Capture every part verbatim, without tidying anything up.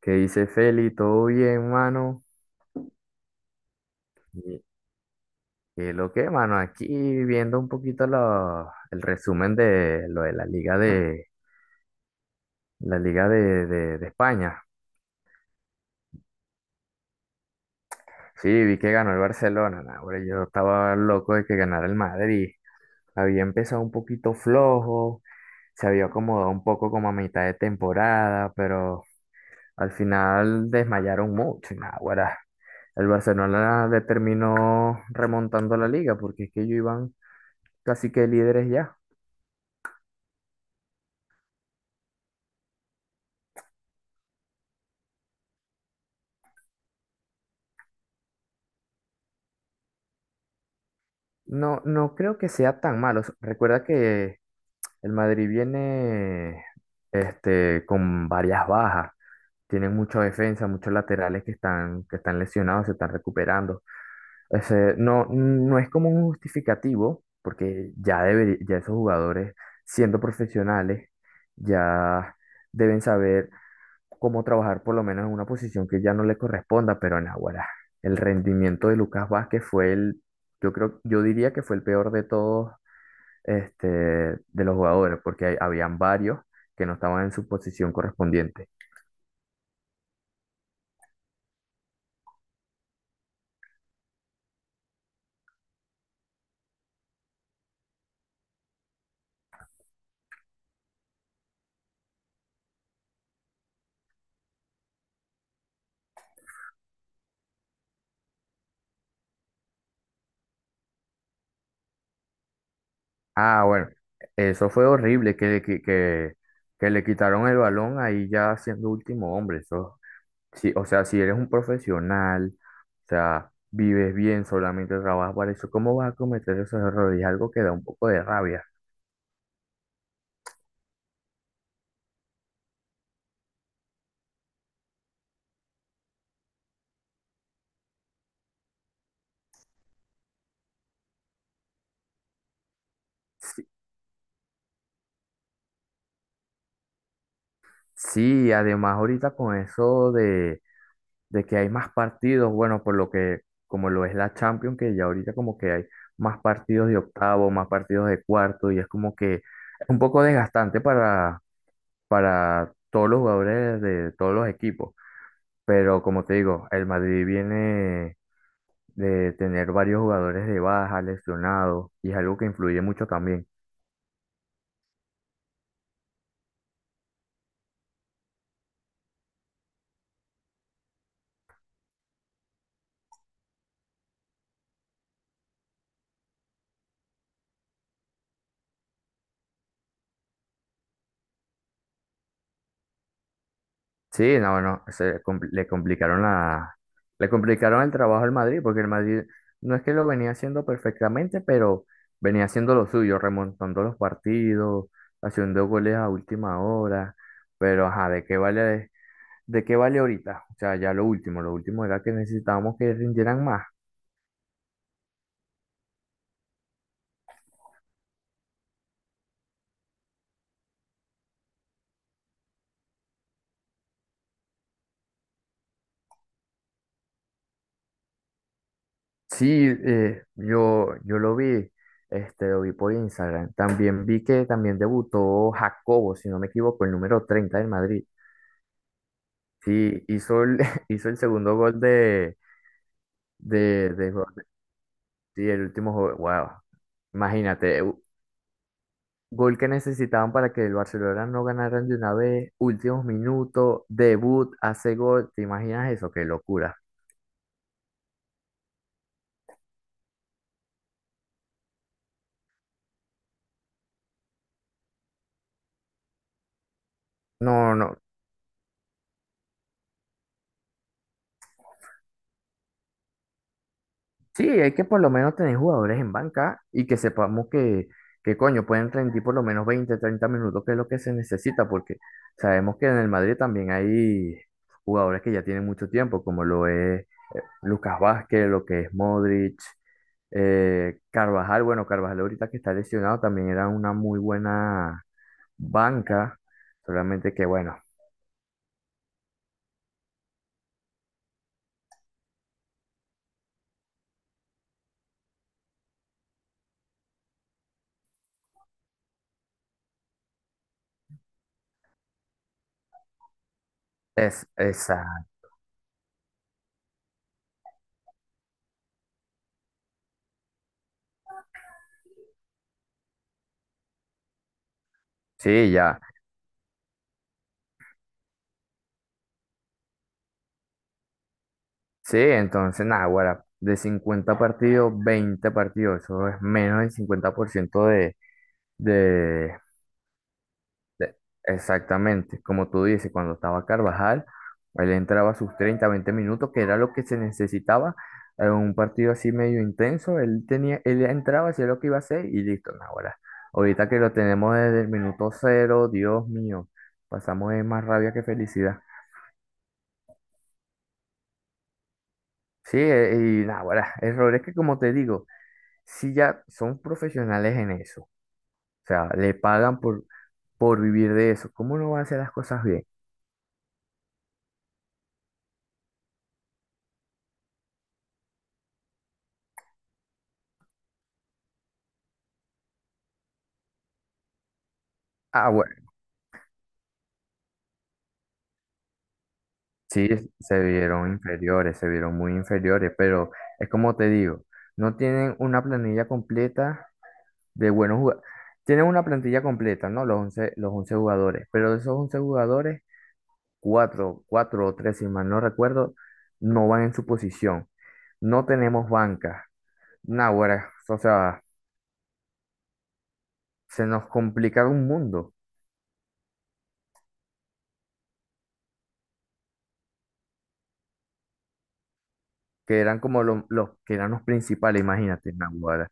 ¿Qué dice Feli? ¿Todo bien, mano? Y- y lo que, mano? Aquí viendo un poquito lo- el resumen de lo de la Liga de la Liga de, de- de España. Sí, vi que ganó el Barcelona. Nah, hombre, yo estaba loco de que ganara el Madrid. Había empezado un poquito flojo, se había acomodado un poco como a mitad de temporada, pero al final desmayaron mucho. Y nah, ahora el Barcelona determinó remontando la liga porque es que ellos iban casi que líderes ya. No, no creo que sea tan malo. S- Recuerda que el Madrid viene este, con varias bajas. Tienen mucha defensa, muchos laterales que están, que están lesionados, se están recuperando. Ese, no, no es como un justificativo, porque ya, deberi- ya esos jugadores, siendo profesionales, ya deben saber como trabajar por lo menos en una posición que ya no le corresponda, pero en Naguará, el rendimiento de Lucas Vázquez fue el, yo creo, yo diría que fue el peor de todos, este, de los jugadores, porque hay- habían varios que no estaban en su posición correspondiente. Ah, bueno, eso fue horrible, que, le qui- que, que le quitaron el balón ahí ya siendo último hombre, eso, sí, o sea, si eres un profesional, o sea, vives bien, solamente trabajas para eso, ¿cómo vas a cometer esos errores? Es algo que da un poco de rabia. Sí, sí, además ahorita con eso de, de que hay más partidos, bueno, por lo que, como lo es la Champions, que ya ahorita como que hay más partidos de octavo, más partidos de cuarto, y es como que es un poco desgastante para, para todos los jugadores de todos los equipos. Pero como te digo, el Madrid viene de tener varios jugadores de baja, lesionados, y es algo que influye mucho también. Sí, no, no, se compl- le complicaron la, le complicaron el trabajo al Madrid, porque el Madrid no es que lo venía haciendo perfectamente, pero venía haciendo lo suyo, remontando los partidos, haciendo goles a última hora, pero ajá, ¿de qué vale, de qué vale ahorita? O sea, ya lo último, lo último era que necesitábamos que rindieran más. Sí, eh, yo, yo lo vi, este, lo vi por Instagram. También vi que también debutó Jacobo, si no me equivoco, el número treinta del Madrid. Sí, hizo el, hizo el segundo gol de, de, de Gordon, sí, el último gol. Wow. Imagínate, u- gol que necesitaban para que el Barcelona no ganaran de una vez, últimos minutos, debut, hace gol. ¿Te imaginas eso? Qué locura. No, no. Sí, hay que por lo menos tener jugadores en banca y que sepamos que, que coño, pueden rendir por lo menos veinte treinta minutos, que es lo que se necesita, porque sabemos que en el Madrid también hay jugadores que ya tienen mucho tiempo, como lo es Lucas Vázquez, lo que es Modric, eh, Carvajal, bueno, Carvajal ahorita que está lesionado también era una muy buena banca, solamente que bueno, es esa, sí, ya, sí, entonces nada, ahora de cincuenta partidos, veinte partidos, eso es menos del cincuenta por ciento de, de, De- Exactamente, como tú dices, cuando estaba Carvajal, él entraba sus treinta veinte minutos, que era lo que se necesitaba en un partido así medio intenso, él tenía, él entraba, hacía lo que iba a hacer y listo, no, ahora, ahorita que lo tenemos desde el minuto cero, Dios mío, pasamos de más rabia que felicidad. Sí, eh, y nada, ahora, errores que como te digo, si ya son profesionales en eso, o sea, le pagan por, por vivir de eso, ¿cómo no van a hacer las cosas bien? Ah. Sí, se vieron inferiores, se vieron muy inferiores, pero es como te digo, no tienen una planilla completa de buenos jugadores. Tienen una plantilla completa, ¿no? Los once los once jugadores, pero de esos once jugadores, cuatro cuatro o tres si mal no recuerdo, no van en su posición. No tenemos banca. Naguará, o sea, se nos complica un mundo, que eran como lo- los que eran los principales, imagínate, Naguará.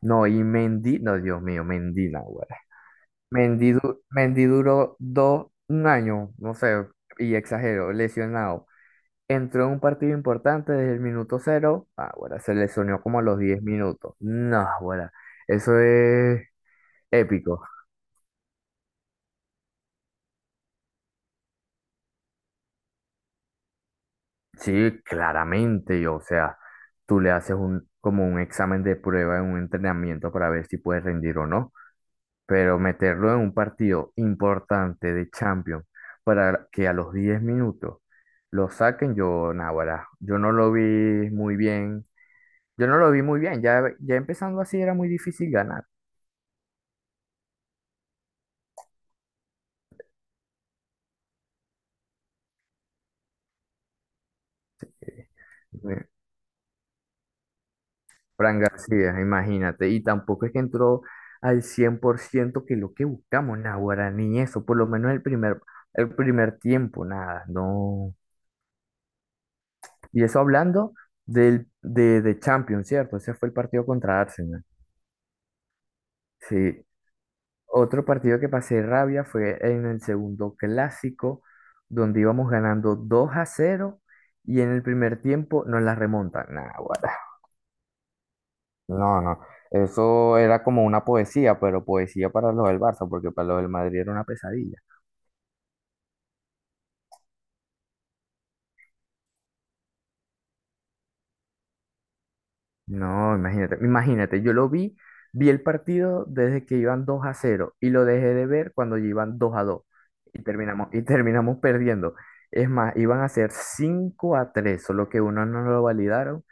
No, y Mendy, no, Dios mío, Mendy, Mendy, du- Mendy duró do- un año, no sé, y exagero, lesionado. Entró en un partido importante desde el minuto cero. Ah, bueno, se lesionó como a los diez minutos. No, bueno, eso es épico. Sí, claramente, yo, o sea, tú le haces un, como un examen de prueba en un entrenamiento para ver si puedes rendir o no. Pero meterlo en un partido importante de Champions para que a los diez minutos lo saquen, yo, naguará, yo no lo vi muy bien, yo no lo vi muy bien, ya, ya empezando así era muy difícil ganar. eh, Fran García, imagínate, y tampoco es que entró al cien por ciento que lo que buscamos, naguará, ni eso, por lo menos el primer, el primer tiempo, nada, no. Y eso hablando del, de, de Champions, ¿cierto? Ese fue el partido contra Arsenal. Sí, otro partido que pasé rabia fue en el segundo clásico, donde íbamos ganando dos a cero y en el primer tiempo nos la remontan. Nah, guara. No, no. Eso era como una poesía, pero poesía para los del Barça, porque para los del Madrid era una pesadilla. No, imagínate, imagínate, yo lo vi, vi el partido desde que iban dos a cero y lo dejé de ver cuando ya iban dos a dos y terminamos, y terminamos perdiendo. Es más, iban a ser cinco a tres solo que uno no lo validaron.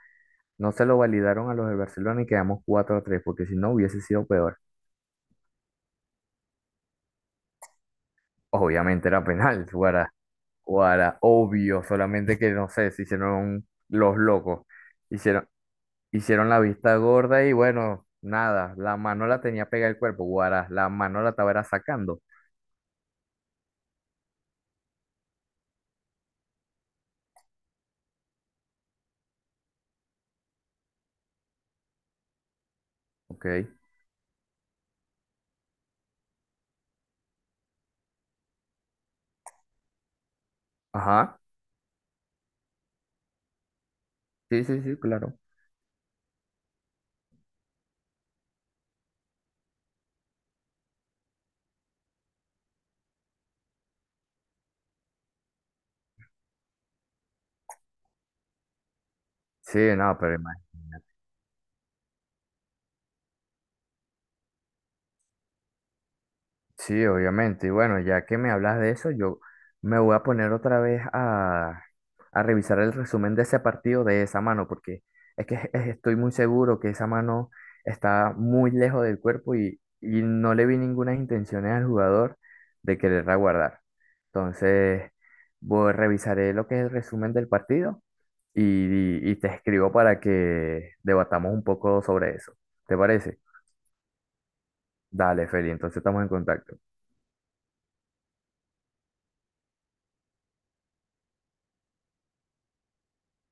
No se lo validaron a los de Barcelona y quedamos cuatro a tres porque si no hubiese sido peor. Obviamente era penal, guara, guara, obvio, solamente que no sé, se hicieron los locos. Hicieron, hicieron la vista gorda y bueno, nada, la mano la tenía pegada al cuerpo, guara, la mano la estaba era sacando. Ok, ajá, sí, sí, sí, claro. Sí, no, pero sí, obviamente. Y bueno, ya que me hablas de eso, yo me voy a poner otra vez a, a revisar el resumen de ese partido de esa mano, porque es que es- estoy muy seguro que esa mano está muy lejos del cuerpo y, y no le vi ninguna intención al jugador de quererla guardar. Entonces, voy, revisaré lo que es el resumen del partido y, y te escribo para que debatamos un poco sobre eso. ¿Te parece? Dale, Feli, entonces estamos en contacto.